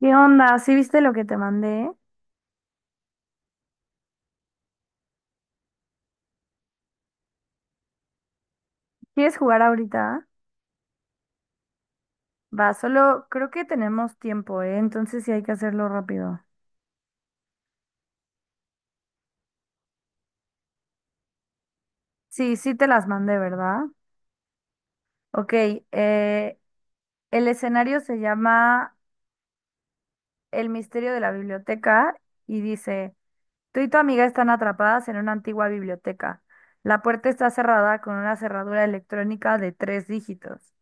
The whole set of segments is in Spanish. ¿Qué onda? ¿Sí viste lo que te mandé? ¿Quieres jugar ahorita? Va, solo creo que tenemos tiempo, ¿eh? Entonces sí hay que hacerlo rápido. Sí, sí te las mandé, ¿verdad? Ok, eh, el escenario se llama El misterio de la biblioteca y dice, tú y tu amiga están atrapadas en una antigua biblioteca. La puerta está cerrada con una cerradura electrónica de tres dígitos.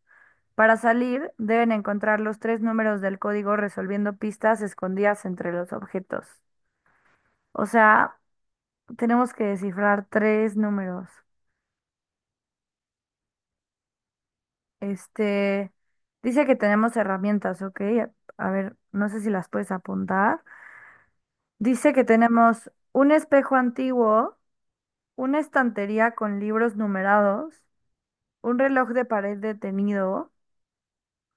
Para salir, deben encontrar los tres números del código resolviendo pistas escondidas entre los objetos. O sea, tenemos que descifrar tres números. Este, dice que tenemos herramientas, ¿ok? A ver, no sé si las puedes apuntar. Dice que tenemos un espejo antiguo, una estantería con libros numerados, un reloj de pared detenido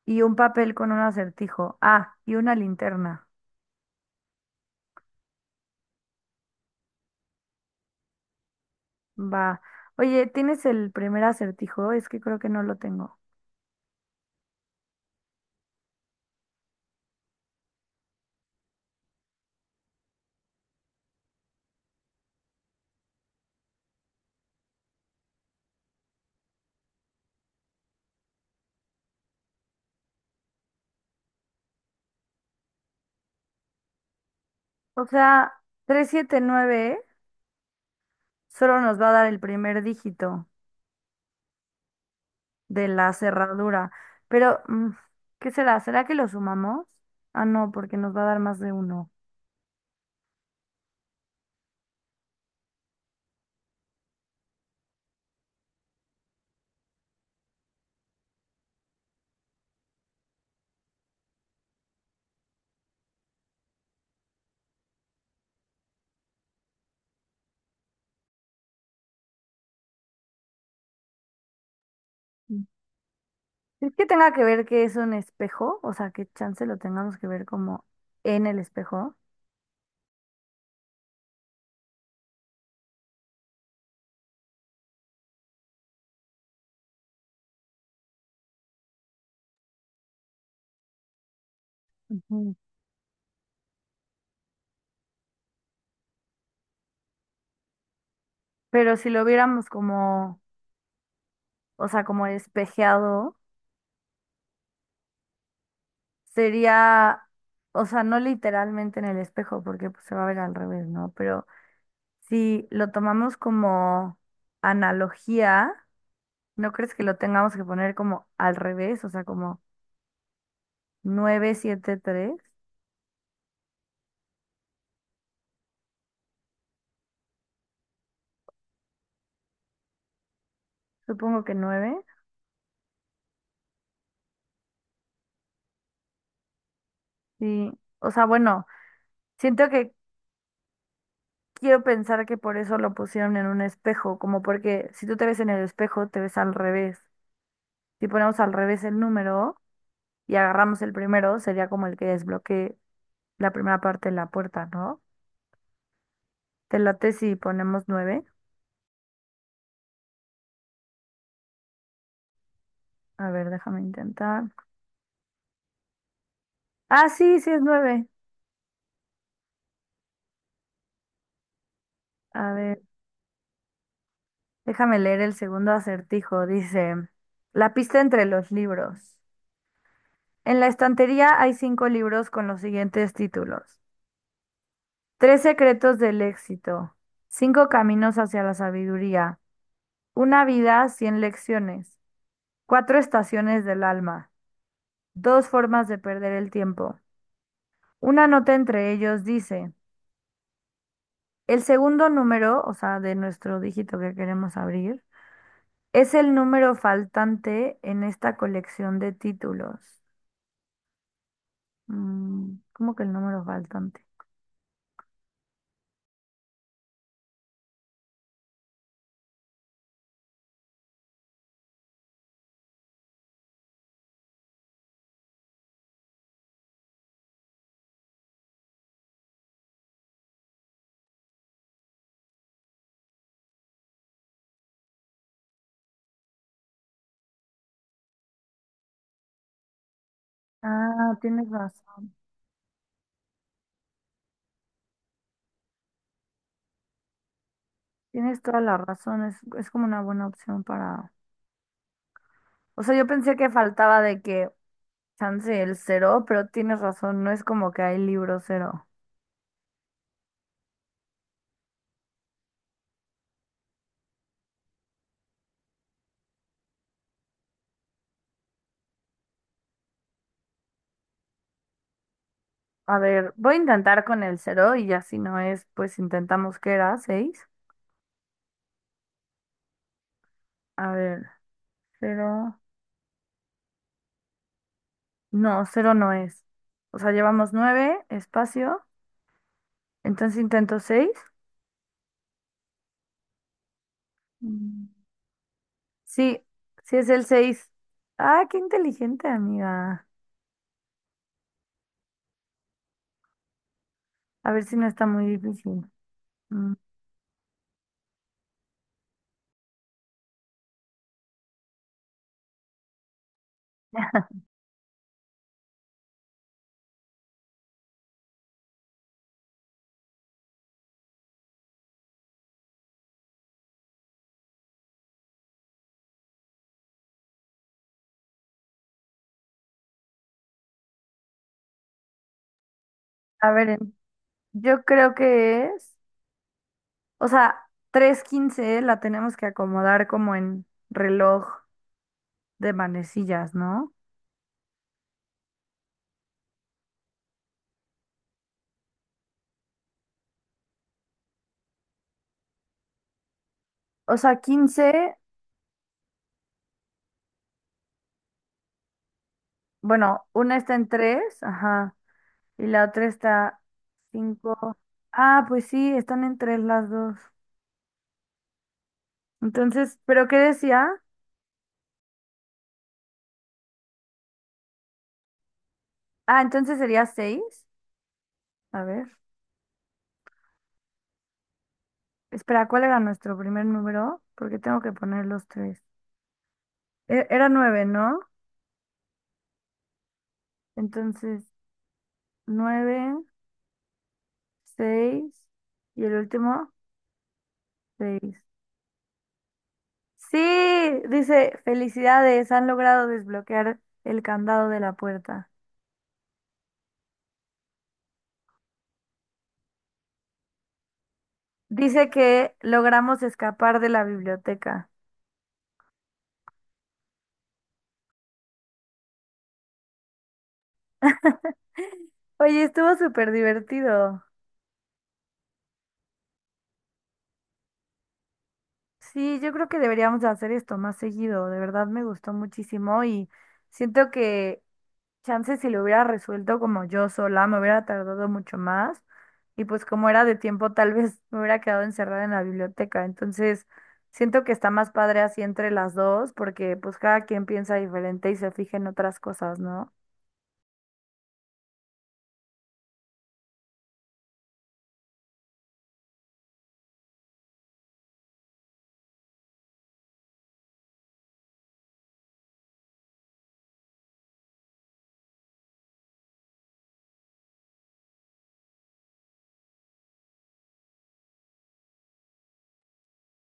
y un papel con un acertijo. Ah, y una linterna. Va. Oye, ¿tienes el primer acertijo? Es que creo que no lo tengo. O sea, 379 solo nos va a dar el primer dígito de la cerradura. Pero, ¿qué será? ¿Será que lo sumamos? Ah, no, porque nos va a dar más de uno. Mm. ¿Es que tenga que ver que es un espejo? O sea, que chance lo tengamos que ver como en el espejo. Ujú. Pero si lo viéramos como, o sea, como espejeado, sería, o sea, no literalmente en el espejo, porque pues, se va a ver al revés, ¿no? Pero si lo tomamos como analogía, ¿no crees que lo tengamos que poner como al revés? O sea, como nueve, siete, tres, supongo que nueve, sí, o sea, bueno, siento que quiero pensar que por eso lo pusieron en un espejo, como porque si tú te ves en el espejo, te ves al revés. Si ponemos al revés el número y agarramos el primero, sería como el que desbloquee la primera parte de la puerta, ¿no? ¿Te late si ponemos nueve? A ver, déjame intentar. Ah, sí, sí es nueve. A ver, déjame leer el segundo acertijo. Dice, la pista entre los libros. En la estantería hay cinco libros con los siguientes títulos. Tres secretos del éxito. Cinco caminos hacia la sabiduría. Una vida, cien lecciones. Cuatro estaciones del alma. Dos formas de perder el tiempo. Una nota entre ellos dice, el segundo número, o sea, de nuestro dígito que queremos abrir, es el número faltante en esta colección de títulos. ¿Cómo que el número faltante? Ah, tienes razón. Tienes toda la razón, es como una buena opción para... O sea, yo pensé que faltaba de que chance el cero, pero tienes razón, no es como que hay libro cero. A ver, voy a intentar con el cero y ya si no es, pues intentamos que era seis. A ver, cero. No, cero no es. O sea, llevamos nueve, espacio, entonces intento seis. Mm. Sí, sí es el seis. Ah, qué inteligente, amiga. A ver si no está muy difícil. Mm. A ver, yo creo que es, o sea, 3:15 la tenemos que acomodar como en reloj de manecillas, ¿no? O sea, 15, bueno, una está en 3, ajá, y la otra está cinco. Ah, pues sí, están en 3 las dos. Entonces, ¿pero qué decía? Ah, entonces sería seis. A ver, espera, ¿cuál era nuestro primer número? Porque tengo que poner los tres. Era 9, ¿no? Entonces, 9 seis y el último, seis. Sí, dice, felicidades, han logrado desbloquear el candado de la puerta. Dice que logramos escapar de la biblioteca. Oye, estuvo súper divertido. Sí, yo creo que deberíamos de hacer esto más seguido. De verdad me gustó muchísimo y siento que chance si lo hubiera resuelto como yo sola, me hubiera tardado mucho más. Y pues como era de tiempo, tal vez me hubiera quedado encerrada en la biblioteca. Entonces, siento que está más padre así entre las dos, porque pues cada quien piensa diferente y se fija en otras cosas, ¿no?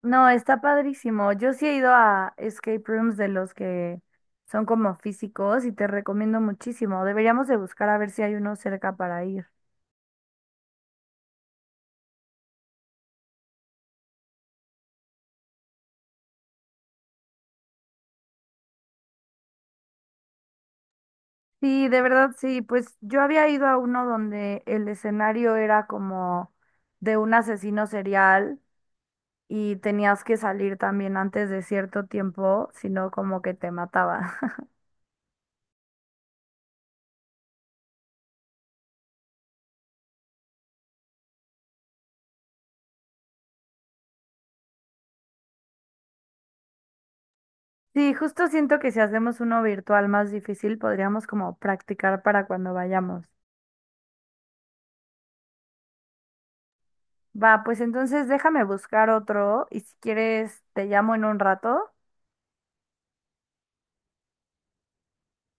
No, está padrísimo. Yo sí he ido a escape rooms de los que son como físicos y te recomiendo muchísimo. Deberíamos de buscar a ver si hay uno cerca para ir. Sí, de verdad, sí. Pues yo había ido a uno donde el escenario era como de un asesino serial y tenías que salir también antes de cierto tiempo, sino como que te mataba. Sí, justo siento que si hacemos uno virtual más difícil, podríamos como practicar para cuando vayamos. Va, pues entonces déjame buscar otro y si quieres te llamo en un rato.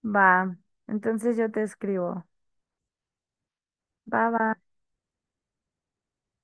Va, entonces yo te escribo. Va, va.